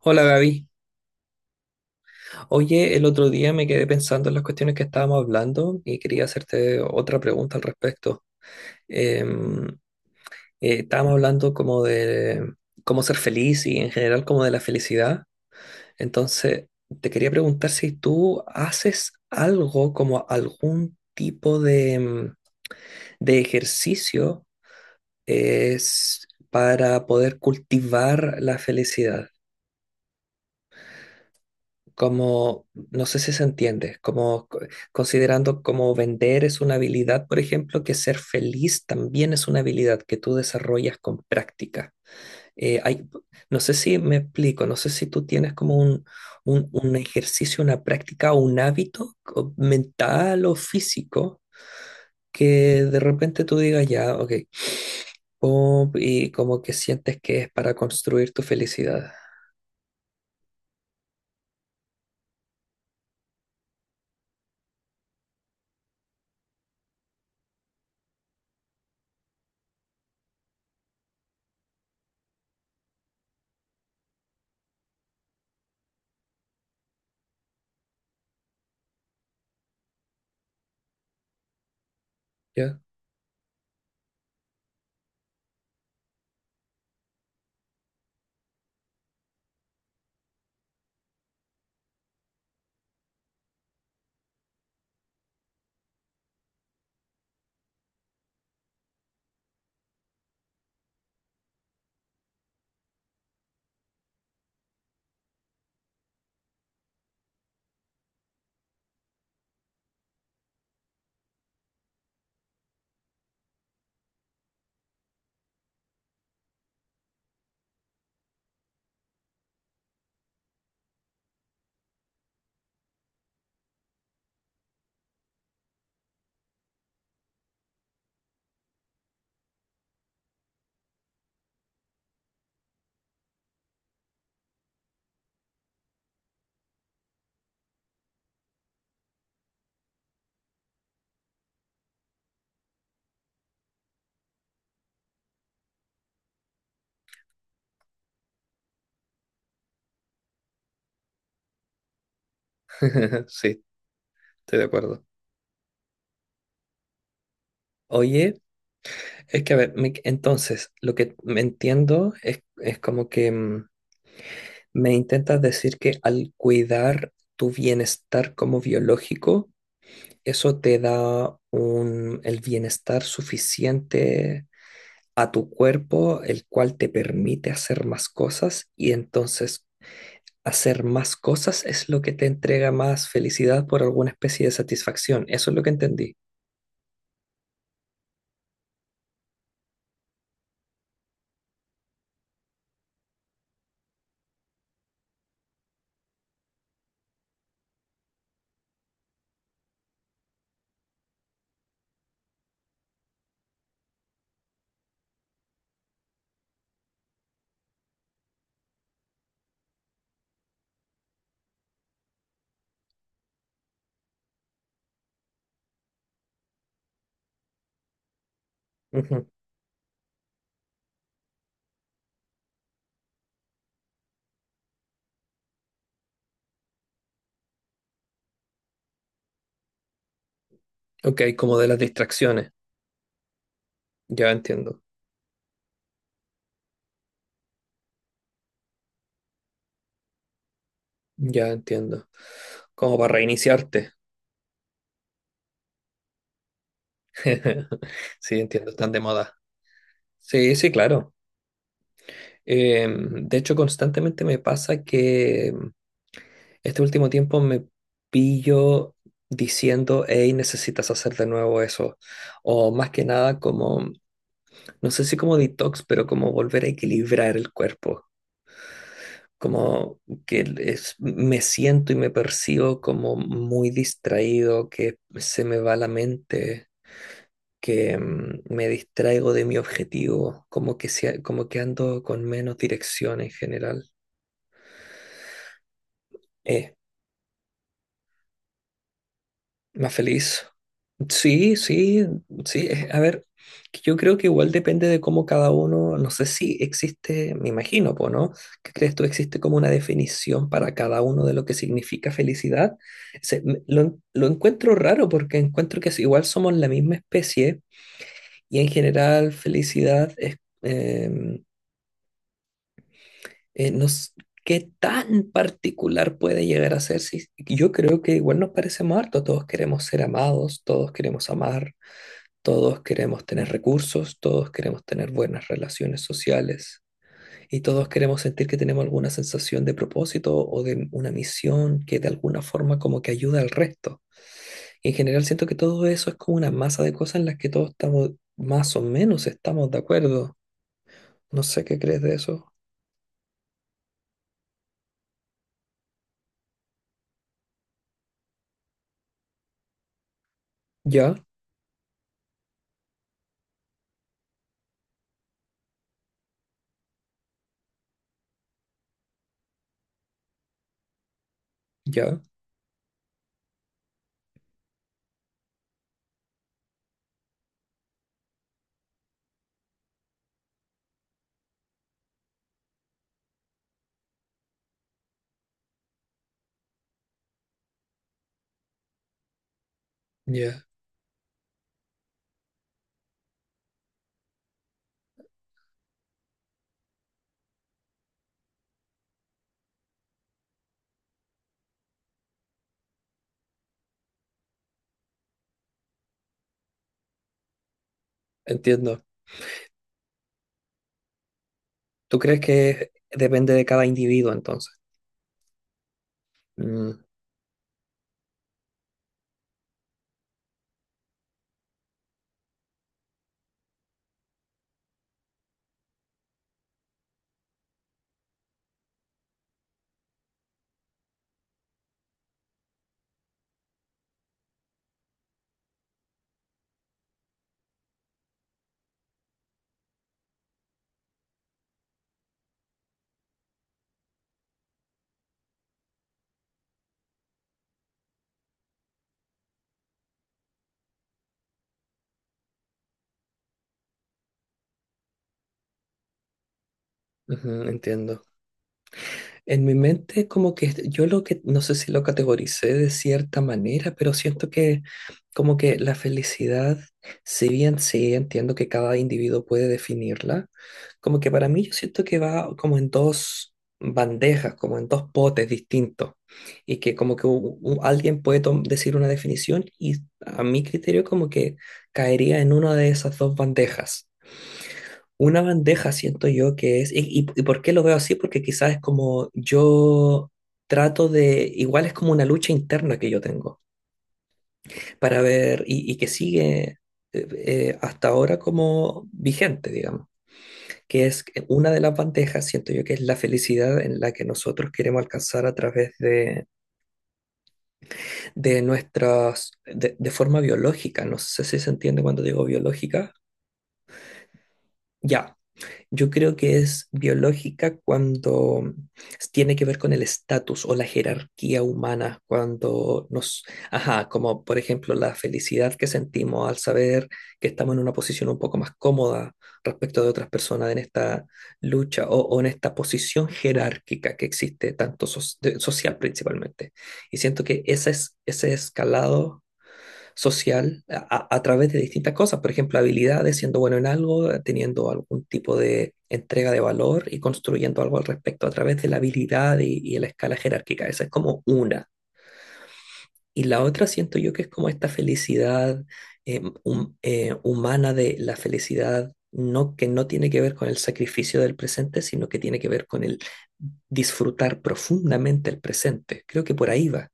Hola Gaby. Oye, el otro día me quedé pensando en las cuestiones que estábamos hablando y quería hacerte otra pregunta al respecto. Em, Estábamos hablando como de cómo ser feliz y en general como de la felicidad. Entonces, te quería preguntar si tú haces algo como algún tipo de de ejercicio es para poder cultivar la felicidad. Como, no sé si se entiende, considerando como vender es una habilidad, por ejemplo, que ser feliz también es una habilidad que tú desarrollas con práctica. Eh, hay, no sé si me explico, no sé si tú tienes como un ejercicio, una práctica o un hábito mental o físico que de repente tú digas, ya, ok, pum, y como que sientes que es para construir tu felicidad. ¿Ya? Sí, estoy de acuerdo. Oye. Es que, a ver, me- Entonces, lo que me entiendo es como que me intentas decir que al cuidar tu bienestar como biológico, eso te da un, el bienestar suficiente a tu cuerpo, el cual te permite hacer más cosas y entonces hacer más cosas es lo que te entrega más felicidad por alguna especie de satisfacción. Eso es lo que entendí. Ujú. Ok, como de las distracciones, ya entiendo. Ya entiendo. Como para reiniciarte. Sí, entiendo, están de moda. Sí, sí, claro. De hecho, constantemente me pasa que este último tiempo me pillo diciendo, hey, necesitas hacer de nuevo eso. O más que nada como, no sé si como detox, pero como volver a equilibrar el cuerpo. Como que me siento y me percibo como muy distraído, que se me va la mente. Que me distraigo de mi objetivo, como que, como que ando con menos dirección en general. Eh, Más feliz. Sí, sí, sí. A ver, que yo creo que igual depende de cómo cada uno, no sé si existe, me imagino, po, ¿no? ¿Qué crees tú? ¿Existe como una definición para cada uno de lo que significa felicidad? Lo encuentro raro porque encuentro que igual somos la misma especie y en general felicidad es... em, no s- qué tan particular puede llegar a ser. Si, yo creo que igual nos parecemos harto. Todos queremos ser amados, todos queremos amar, todos queremos tener recursos, todos queremos tener buenas relaciones sociales y todos queremos sentir que tenemos alguna sensación de propósito o de una misión que de alguna forma como que ayuda al resto. Y en general siento que todo eso es como una masa de cosas en las que todos estamos más o menos estamos de acuerdo. No sé qué crees de eso. Ya, ya, ya. Entiendo. ¿Tú crees que depende de cada individuo entonces? Mm, ujú, entiendo. En mi mente como que yo lo que, no sé si lo categoricé de cierta manera, pero siento que como que la felicidad, si bien sí entiendo que cada individuo puede definirla, como que para mí yo siento que va como en dos bandejas, como en dos potes distintos, y que como que alguien puede decir una definición y a mi criterio como que caería en una de esas dos bandejas. Una bandeja siento yo que es, y por qué lo veo así, porque quizás es como yo trato de, igual es como una lucha interna que yo tengo para ver y que sigue hasta ahora como vigente, digamos, que es que una de las bandejas, siento yo que es la felicidad en la que nosotros queremos alcanzar a través de de forma biológica, no sé si se entiende cuando digo biológica, ya. Yo creo que es biológica cuando tiene que ver con el estatus o la jerarquía humana, cuando nos, ajá, como por ejemplo la felicidad que sentimos al saber que estamos en una posición un poco más cómoda respecto de otras personas en esta lucha o en esta posición jerárquica que existe, tanto social principalmente. Y siento que ese escalado social través de distintas cosas, por ejemplo, habilidades, siendo bueno en algo, teniendo algún tipo de entrega de valor y construyendo algo al respecto a través de la habilidad y la escala jerárquica. Esa es como una. Y la otra siento yo que es como esta felicidad humana de la felicidad. No, que no tiene que ver con el sacrificio del presente, sino que tiene que ver con el disfrutar profundamente el presente. Creo que por ahí va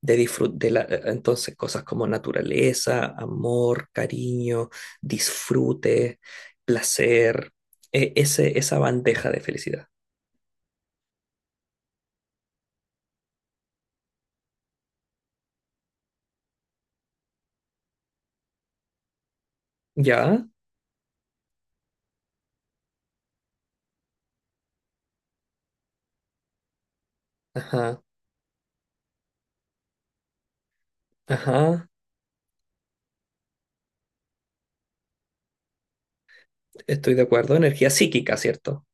de disfrute, entonces cosas como naturaleza, amor, cariño, disfrute, placer, esa bandeja de felicidad. ¿Ya? Ajá, ajá, estoy de acuerdo. Energía psíquica, ¿cierto?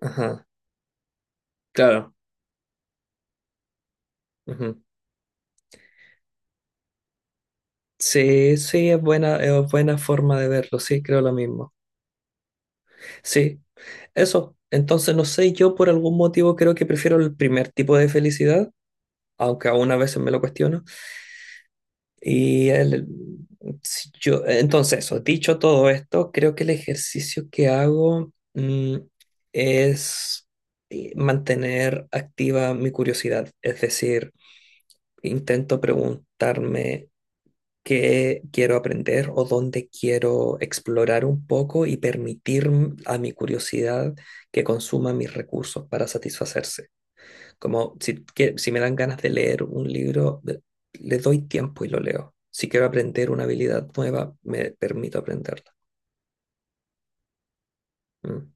Ajá, claro. Ujú. Sí, sí, es buena forma de verlo, sí, creo lo mismo. Sí, eso. Entonces, no sé, yo por algún motivo creo que prefiero el primer tipo de felicidad, aunque aún a veces me lo cuestiono. Y el- si yo, entonces, eso, dicho todo esto, creo que el ejercicio que hago es mantener activa mi curiosidad, es decir, intento preguntarme qué quiero aprender o dónde quiero explorar un poco y permitir a mi curiosidad que consuma mis recursos para satisfacerse. Como si, si me dan ganas de leer un libro, le doy tiempo y lo leo. Si quiero aprender una habilidad nueva, me permito aprenderla. Mm,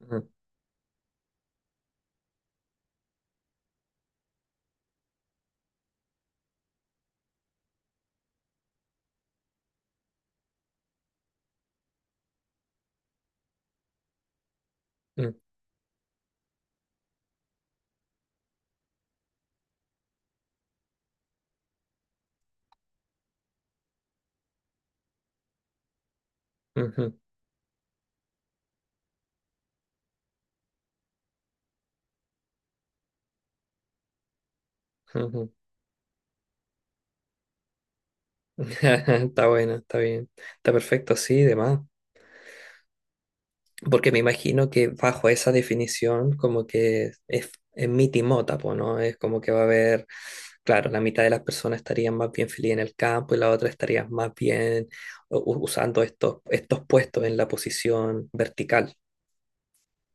mm, mm, ujú, ujú. Está bueno, está bien. Está perfecto, sí, demás. Porque me imagino que bajo esa definición, como que es mitimota, po, ¿no? Es como que va a haber, claro, la mitad de las personas estarían más bien feliz en el campo y la otra estaría más bien usando estos puestos en la posición vertical.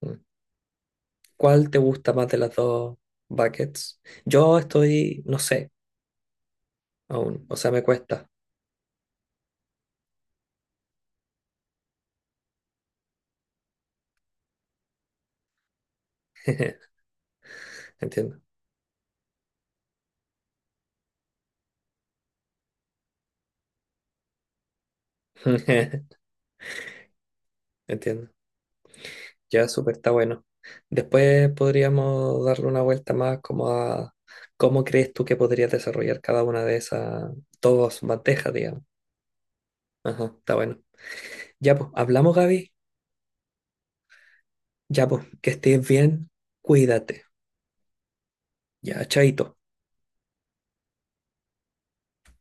Mm. ¿Cuál te gusta más de las dos buckets? Yo estoy, no sé, aún, o sea, me cuesta. Entiendo. Entiendo. Ya súper está bueno. Después podríamos darle una vuelta más como a cómo crees tú que podrías desarrollar cada una de esas dos bandejas, digamos. Ajá, está bueno. Ya pues, hablamos, Gaby. Ya pues, que estés bien. Cuídate. Ya, chaito.